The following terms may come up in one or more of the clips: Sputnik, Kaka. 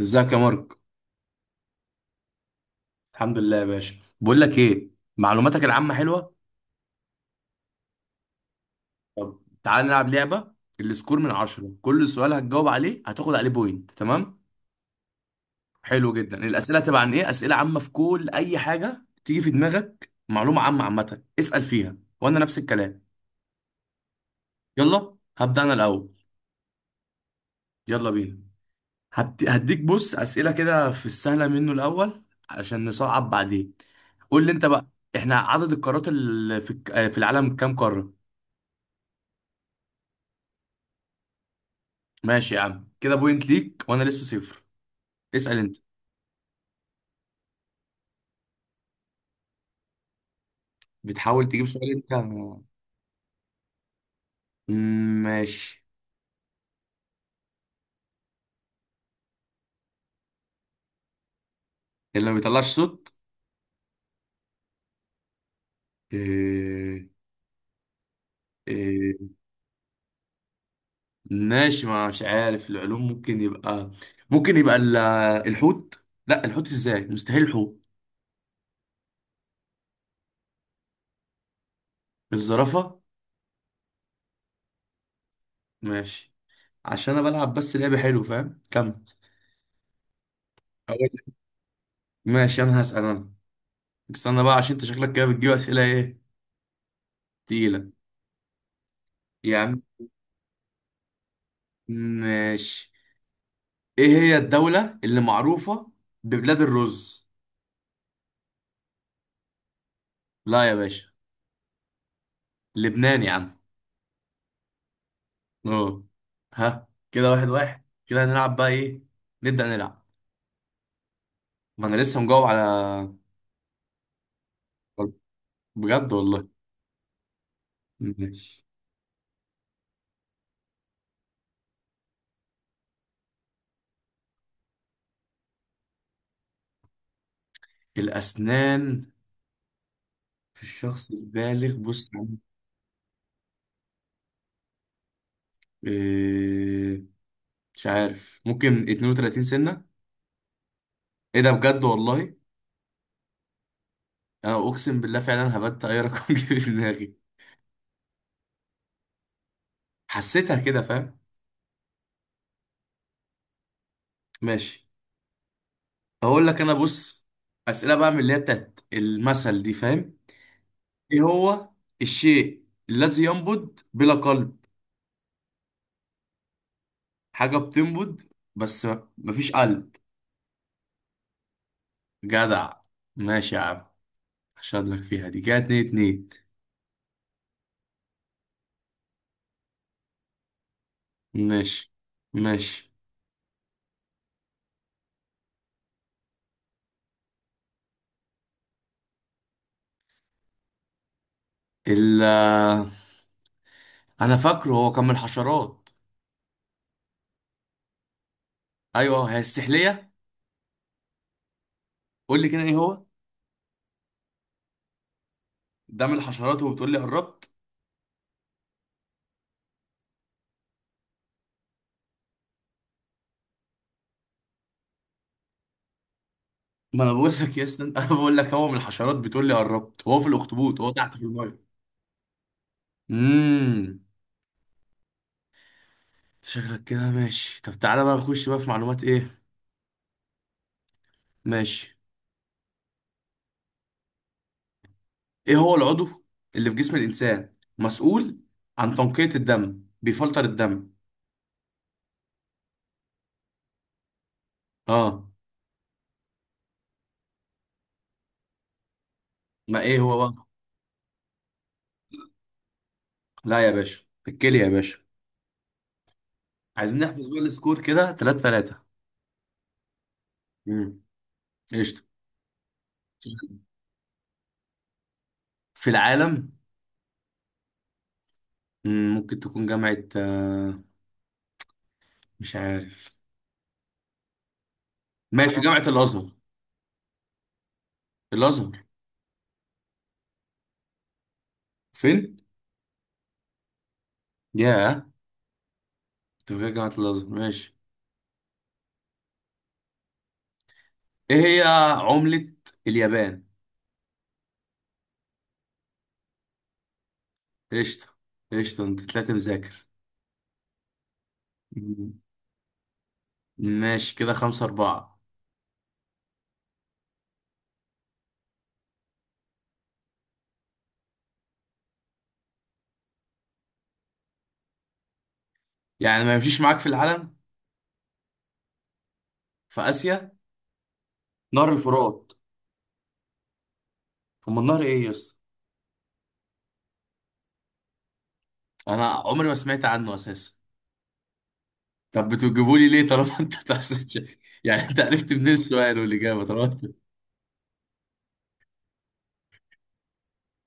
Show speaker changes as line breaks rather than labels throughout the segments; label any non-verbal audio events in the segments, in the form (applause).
ازيك يا مارك. الحمد لله يا باشا، بقول لك ايه؟ معلوماتك العامه حلوه. طب تعال نلعب لعبه. السكور من 10، كل سؤال هتجاوب عليه هتاخد عليه بوينت، تمام؟ حلو جدا. الاسئله هتبقى عن ايه؟ اسئله عامه في كل اي حاجه تيجي في دماغك معلومه عامه. عامه اسال فيها وانا نفس الكلام. يلا هبدا انا الاول. يلا بينا. هديك. بص اسئله كده في السهله منه الاول عشان نصعب بعدين. قول لي انت بقى. احنا عدد القارات اللي في العالم كام قاره؟ ماشي يا عم، كده بوينت ليك وانا لسه 0. اسأل انت. بتحاول تجيب سؤال انت. ماشي. اللي ما بيطلعش صوت. إيه... إيه... ماشي، ما مش عارف العلوم. ممكن يبقى، ممكن يبقى ال- الحوت؟ لا، الحوت ازاي؟ مستحيل الحوت. الزرافة. ماشي، عشان انا بلعب بس لعبة حلو، فاهم؟ كمل. أقول لك. ماشي انا هسأل انا. استنى بقى عشان انت شكلك كده بتجيب اسئلة ايه، تقيلة. يا عم ماشي. ايه هي الدولة اللي معروفة ببلاد الرز؟ لا يا باشا. لبنان يا عم. اه. ها كده 1-1، كده هنلعب بقى ايه. نبدأ نلعب. ما انا لسه مجاوب على. بجد والله. ماشي. الأسنان في الشخص البالغ، بص يا عم. إيه... مش عارف، ممكن 32 سنة. ايه ده؟ بجد والله. انا اقسم بالله فعلا هبت اي رقم (laughs) جه في دماغي. حسيتها كده، فاهم. ماشي. اقول لك انا، بص اسئله بقى من اللي هي بتاعت المثل دي، فاهم. ايه هو الشيء الذي ينبض بلا قلب؟ حاجه بتنبض بس مفيش قلب. جدع. ماشي يا عم، اشهد لك فيها دي. كده 2-2. ماشي. ماشي. ال انا فاكره هو كان من الحشرات. ايوه، هي السحليه. قول لي كده، ايه هو؟ ده من الحشرات وبتقول لي قربت؟ ما انا بقول لك يا اسطى، انا بقول لك هو من الحشرات بتقول لي قربت، هو في الاخطبوط هو تحت في الميه. امم شكلك كده ماشي. طب تعالى بقى، نخش بقى في معلومات ايه. ماشي. ايه هو العضو اللي في جسم الانسان مسؤول عن تنقية الدم، بيفلتر الدم؟ اه. ما ايه هو بقى؟ لا يا باشا، الكلية يا باشا. عايزين نحفظ بقى السكور كده 3-3. امم قشطة. في العالم. ممكن تكون جامعة، مش عارف. ماشي، جامعة الأزهر. الأزهر. فين؟ ياه. كنت فاكر جامعة الأزهر. ماشي. ايه هي عملة اليابان؟ قشطة. قشطة، انت طلعت مذاكر. مم. ماشي كده 5-4. يعني ما يمشيش معاك في العالم؟ في آسيا. نهر الفرات. أما النهر إيه يا اسطى؟ أنا عمري ما سمعت عنه أساسا. طب بتجيبوا لي ليه طالما (laughs) أنت تحسن. يعني أنت عرفت منين السؤال والإجابة طالما أنت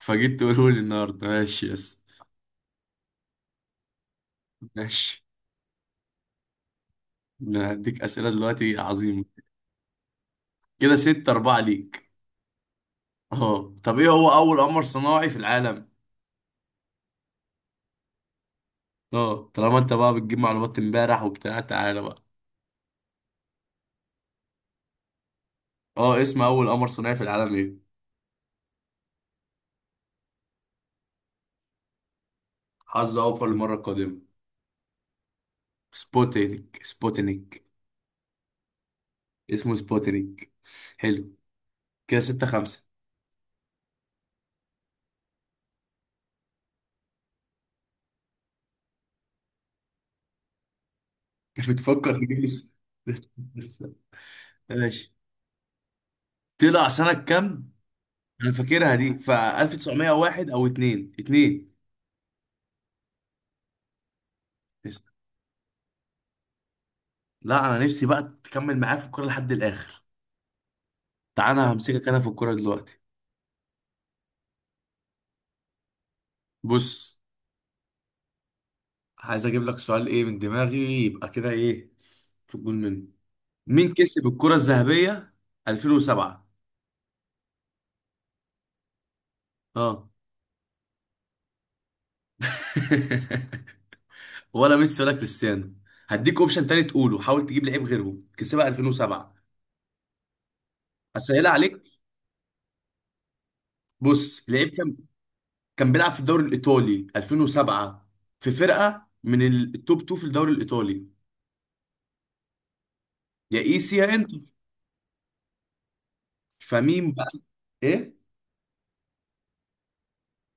فجيت تقوله لي النهاردة؟ ماشي يا اسطى. ماشي. أنا هديك أسئلة دلوقتي عظيمة. كده 6-4 ليك. أه طب، إيه هو أول قمر صناعي في العالم؟ أه، طالما أنت بقى بتجيب معلومات إمبارح وبتاع، تعالى بقى. اه، اسم اول قمر صناعي في العالم ايه؟ حظ اوفر للمره القادمه. سبوتينيك. سبوتينيك. اسمه سبوتينيك. حلو. كده 6-5. (laughs) بتفكر تجيب لي (laughs) ماشي. طلع سنة كام؟ أنا فاكرها دي ف 1901 أو 2 2. لا أنا نفسي بقى تكمل معايا في الكورة لحد الآخر. تعالى أنا همسكك أنا في الكورة دلوقتي. بص. عايز أجيب لك سؤال إيه من دماغي، يبقى كده إيه في الجول منه. مين كسب الكرة الذهبية 2007؟ اه. (laughs) ولا ميسي ولا كريستيانو. هديك اوبشن تاني تقوله، حاول تجيب لعيب غيرهم كسبها 2007. اسهلها عليك. بص، لعيب كان بيلعب في الدوري الايطالي 2007. في فرقه من التوب 2 في الدوري الايطالي. يا ايسي يا انتر. فمين بقى؟ ايه؟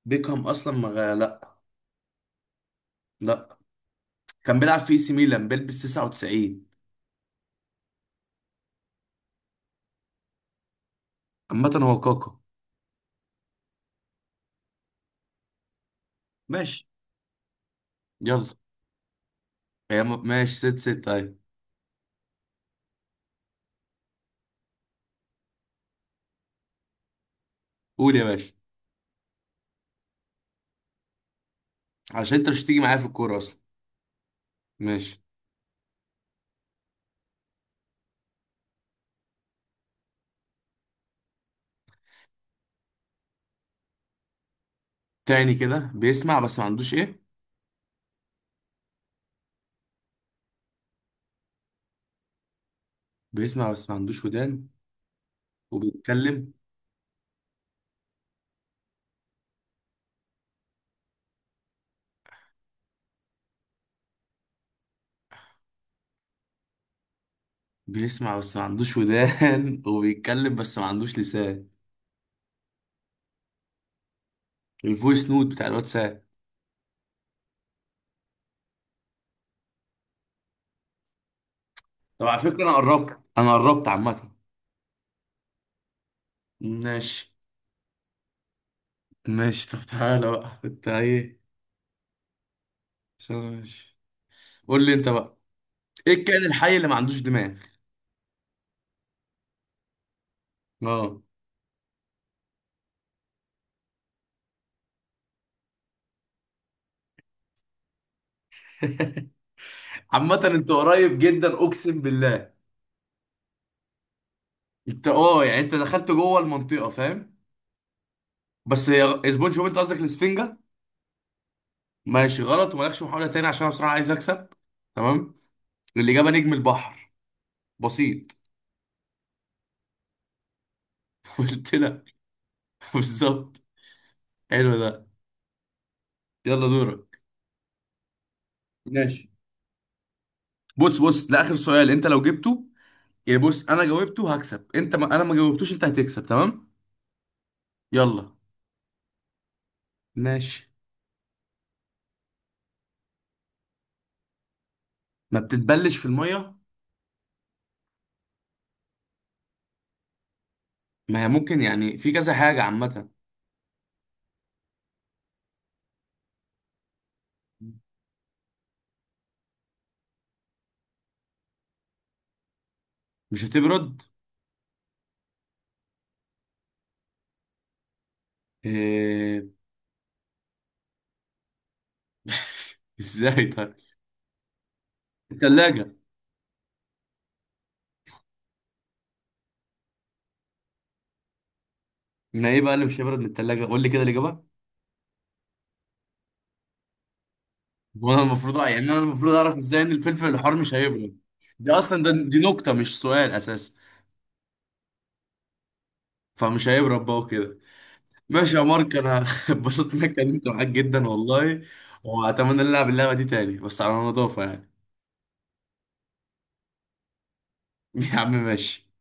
بيكهام. اصلا ما غ- لا. لا، كان بيلعب في اي سي ميلان بيلبس 99. عامه هو كاكا. ماشي. يلا. ماشي 6-6 طيب. قول يا باشا. عشان انت مش هتيجي معايا في الكوره اصلا. ماشي. تاني كده، بيسمع بس ما عندوش ايه؟ بيسمع بس ما عندوش ودان. وبيتكلم. بيسمع بس ما عندوش ودان (laughs) وبيتكلم بس ما عندوش لسان. الفويس نوت بتاع الواتساب. طب على فكرة انا قربت، انا قربت عامة. ماشي. ماشي طب تعالى بقى انت ايه. عشان ماشي. قول لي انت بقى. ايه الكائن الحي اللي ما عندوش دماغ؟ اه. (laughs) عامة انت قريب جدا اقسم بالله. انت يعني انت دخلت جوه المنطقة، فاهم. بس هي سبونج بوب، انت قصدك الاسفنجة. ماشي غلط ومالكش محاولة تاني عشان انا بصراحة عايز اكسب. تمام. الإجابة نجم البحر. بسيط. (laughs) قلت لك. بالظبط. حلو ده. يلا دورك. ماشي. بص بص ده آخر سؤال انت لو جبته. يعني بص انا جاوبته هكسب انت، ما انا ما جاوبتوش انت هتكسب، تمام. يلا. ماشي. ما بتتبلش في المية. ما هي ممكن يعني في كذا حاجة عامة. مش هتبرد. إيه... (laughs) ازاي طيب؟ التلاجة. ما ايه بقى اللي مش هيبرد من التلاجة؟ قول لي كده الإجابة. وانا المفروض، يعني انا المفروض اعرف ازاي ان الفلفل الحار مش هيبرد. دي اصلا، ده دي نكته مش سؤال اساسا. فمش هيبرد بقى وكده. ماشي يا مارك. انا (laughs) اتبسطت اني اتكلمت معاك جدا والله. واتمنى نلعب اللعبه دي تاني بس على نظافه يعني. (laughs) يا عم ماشي.